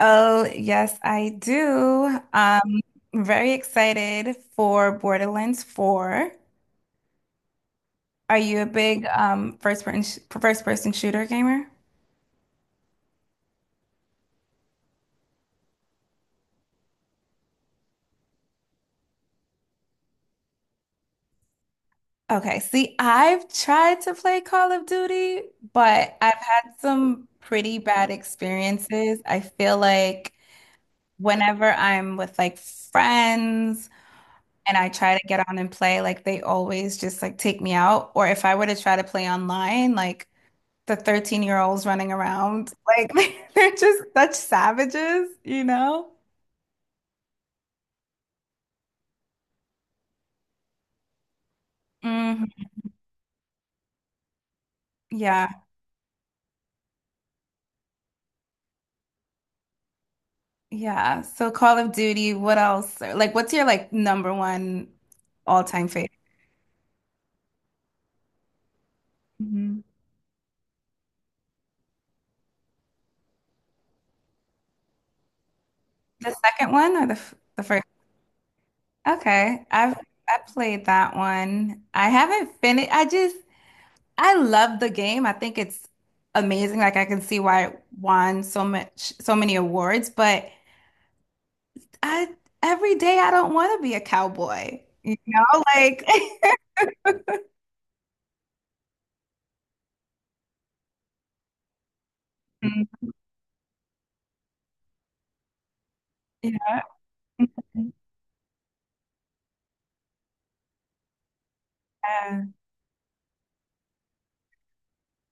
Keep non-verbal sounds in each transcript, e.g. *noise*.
Oh, yes, I do. Very excited for Borderlands 4. Are you a big first person shooter gamer? Okay, see, I've tried to play Call of Duty, but I've had some pretty bad experiences. I feel like whenever I'm with like friends and I try to get on and play, like they always just like take me out. Or if I were to try to play online, like the 13-year-olds running around. Like *laughs* they're just such savages, Hmm. Yeah. Yeah. So Call of Duty, what else? Like what's your like number one all-time favorite? Mhm. The second one or the first? Okay. I played that one. I haven't finished. I love the game. I think it's amazing. Like I can see why it won so many awards, but I every day I don't want to be a cowboy. Like *laughs* Yeah. Yeah.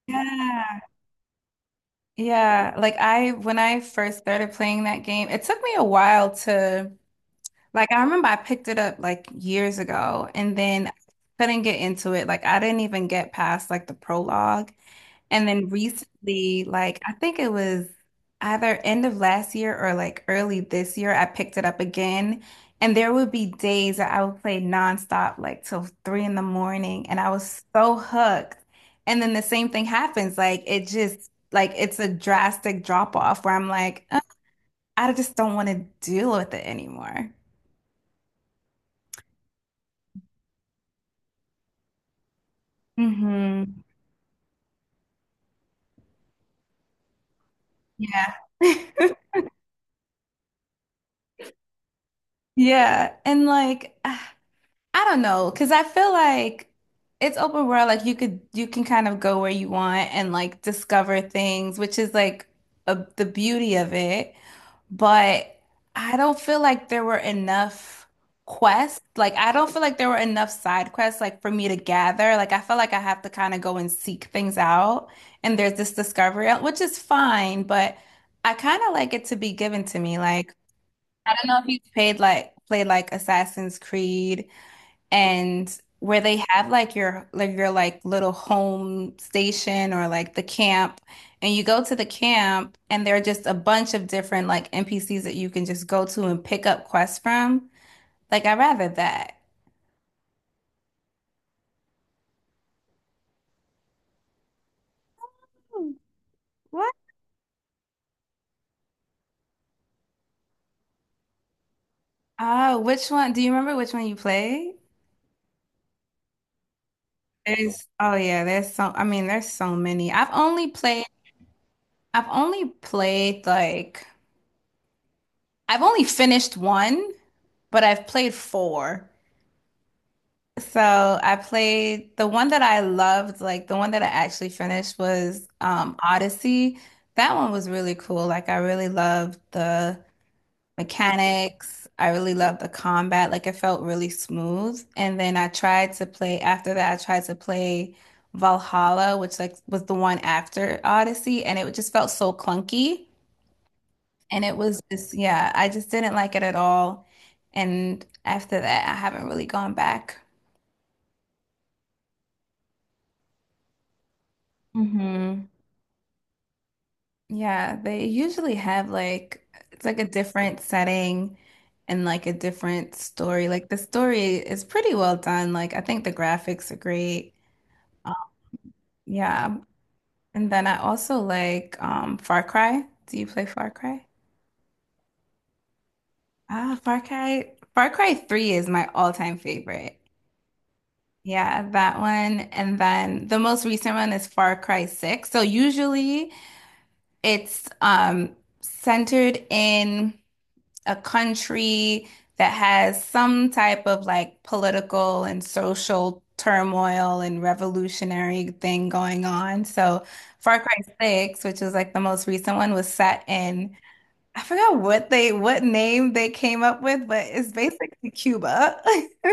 Yeah. Yeah. Like I when I first started playing that game, it took me a while to I remember I picked it up like years ago and then couldn't get into it. Like I didn't even get past like the prologue. And then recently, like I think it was either end of last year or like early this year, I picked it up again. And there would be days that I would play nonstop, like till three in the morning, and I was so hooked. And then the same thing happens. Like it just like it's a drastic drop off where I'm like, I just don't want to deal with it anymore." Hmm. Yeah. *laughs* Yeah. And like *sighs* I don't know, because I feel like it's open world. Like you can kind of go where you want and like discover things, which is like the beauty of it. But I don't feel like there were enough quests. Like I don't feel like there were enough side quests like for me to gather. Like I feel like I have to kind of go and seek things out. And there's this discovery, which is fine, but I kind of like it to be given to me. Like I don't know if you've paid like played like Assassin's Creed and where they have like your like little home station or like the camp and you go to the camp and there are just a bunch of different like NPCs that you can just go to and pick up quests from. Like I rather that. Hmm. What? Ah, which one? Do you remember which one you played? There's Oh yeah, there's I mean there's so many. I've only played like I've only finished one, but I've played four. So I played the one that I loved, like the one that I actually finished was Odyssey. That one was really cool. Like I really loved the mechanics. I really loved the combat. Like it felt really smooth. And then I tried to play Valhalla, which like was the one after Odyssey, and it just felt so clunky. And it was just, yeah, I just didn't like it at all. And after that, I haven't really gone back. Hmm. Yeah, they usually have like it's like a different setting and like a different story. Like the story is pretty well done. Like I think the graphics are great. um, Yeah. And then I also like Far Cry. Do you play Far Cry? Far Cry 3 is my all-time favorite. Yeah, that one. And then the most recent one is Far Cry 6. So usually it's centered in a country that has some type of like political and social turmoil and revolutionary thing going on. So Far Cry 6, which was like the most recent one, was set in I forgot what they what name they came up with, but it's basically Cuba. *laughs*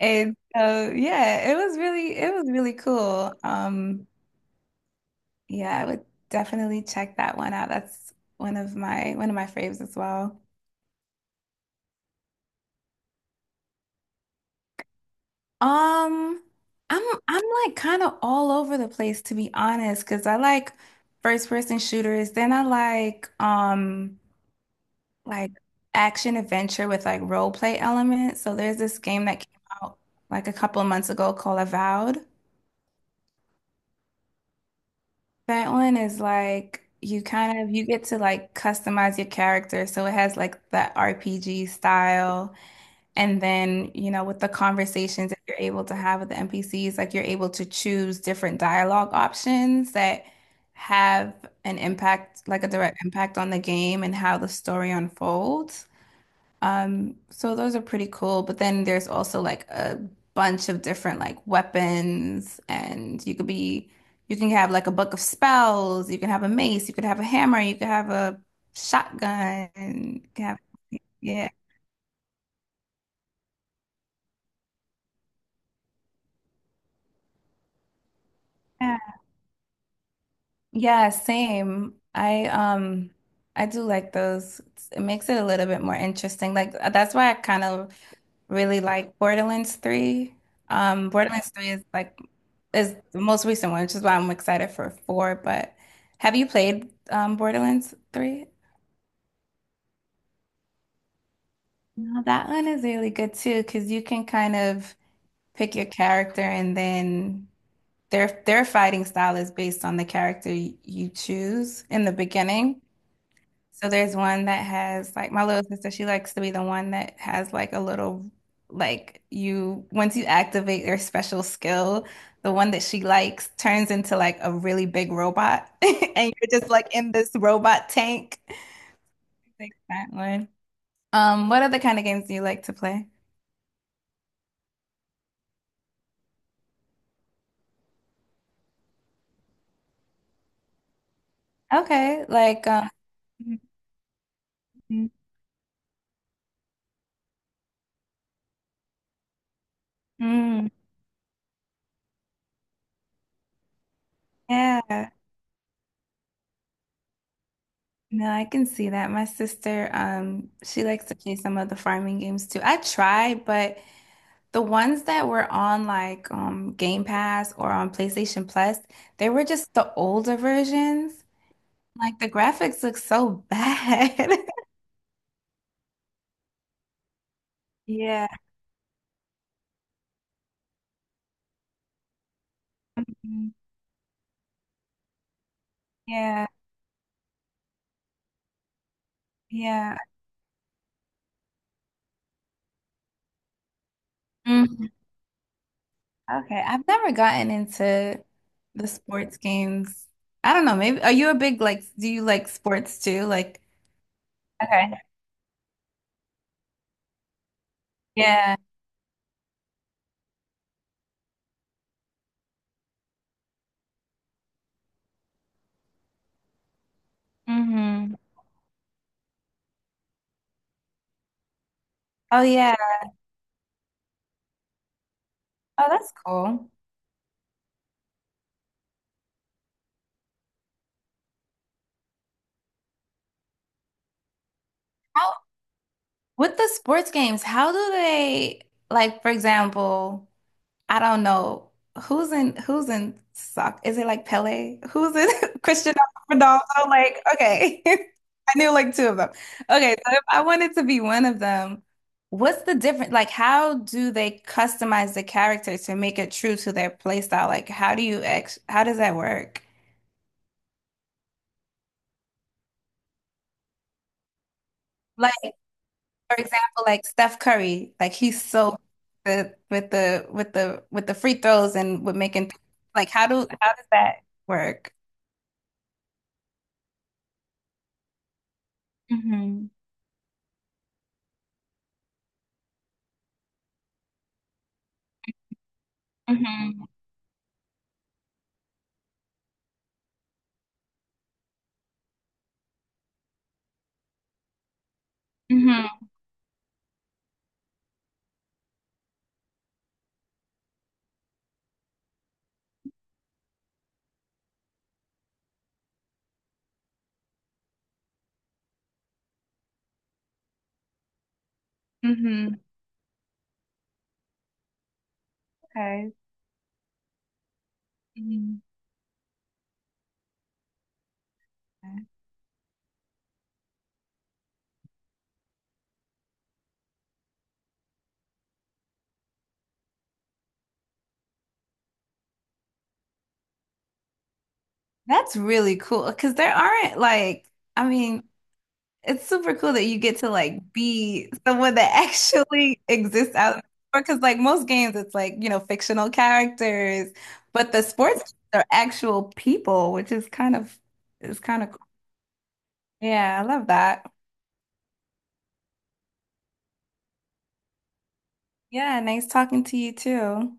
And so yeah, it was really cool. Yeah, I would definitely check that one out. That's one of my faves as well. Um, I'm like kind of all over the place to be honest, because I like first person shooters. Then I like action adventure with like role play elements. So there's this game that came out like a couple of months ago called Avowed. That one is like you kind of you get to like customize your character, so it has like that RPG style. And then, you know, with the conversations that you're able to have with the NPCs, like you're able to choose different dialogue options that have an impact, like a direct impact on the game and how the story unfolds. So those are pretty cool. But then there's also like a bunch of different like weapons, and you can have like a book of spells, you can have a mace, you could have a hammer, you could have a shotgun, you can have, yeah. Yeah, same. I do like those. It's- It makes it a little bit more interesting. Like that's why I kind of really like Borderlands 3. Um Borderlands 3 is like is the most recent one, which is why I'm excited for 4, but have you played Borderlands 3? No, that one is really good too, because you can kind of pick your character and then their fighting style is based on the character you choose in the beginning. So there's one that has like my little sister, she likes to be the one that has like a little like you once you activate their special skill, the one that she likes turns into like a really big robot *laughs* and you're just like in this robot tank. Like that one. What other kind of games do you like to play? Okay, like um. Mhm. Mm, yeah. No, I can see that. My sister, she likes to play some of the farming games too. I try, but the ones that were on like Game Pass or on PlayStation Plus, they were just the older versions. Like the graphics look so bad. *laughs* Yeah. Mhm. Yeah. Yeah. Mhm. Okay, I've never gotten into the sports games. I don't know, maybe are you a big like do you like sports too? Like okay. Yeah. Hmm. Oh yeah. Oh, that's cool. How with the sports games, how do they like for example I don't know who's in sock. Is it like Pele? Who's in *laughs* Cristiano Ronaldo? Like, okay. *laughs* I knew like two of them. Okay, so if I wanted to be one of them, what's the difference? Like, how do they customize the character to make it true to their play style? Like, how do you ex how does that work? Like, for example, like Steph Curry, like he's so good with the with the with the free throws and with making like how does that work? Hmm. Hmm. Mm-hmm. Mm-hmm. Okay. Mhm. Okay. That's really cool because there aren't like, I mean, it's super cool that you get to like be someone that *laughs* actually exists out because like most games it's like, you know, fictional characters, but the sports games are actual people, which is kind of cool. Yeah, I love that. Yeah, nice talking to you too.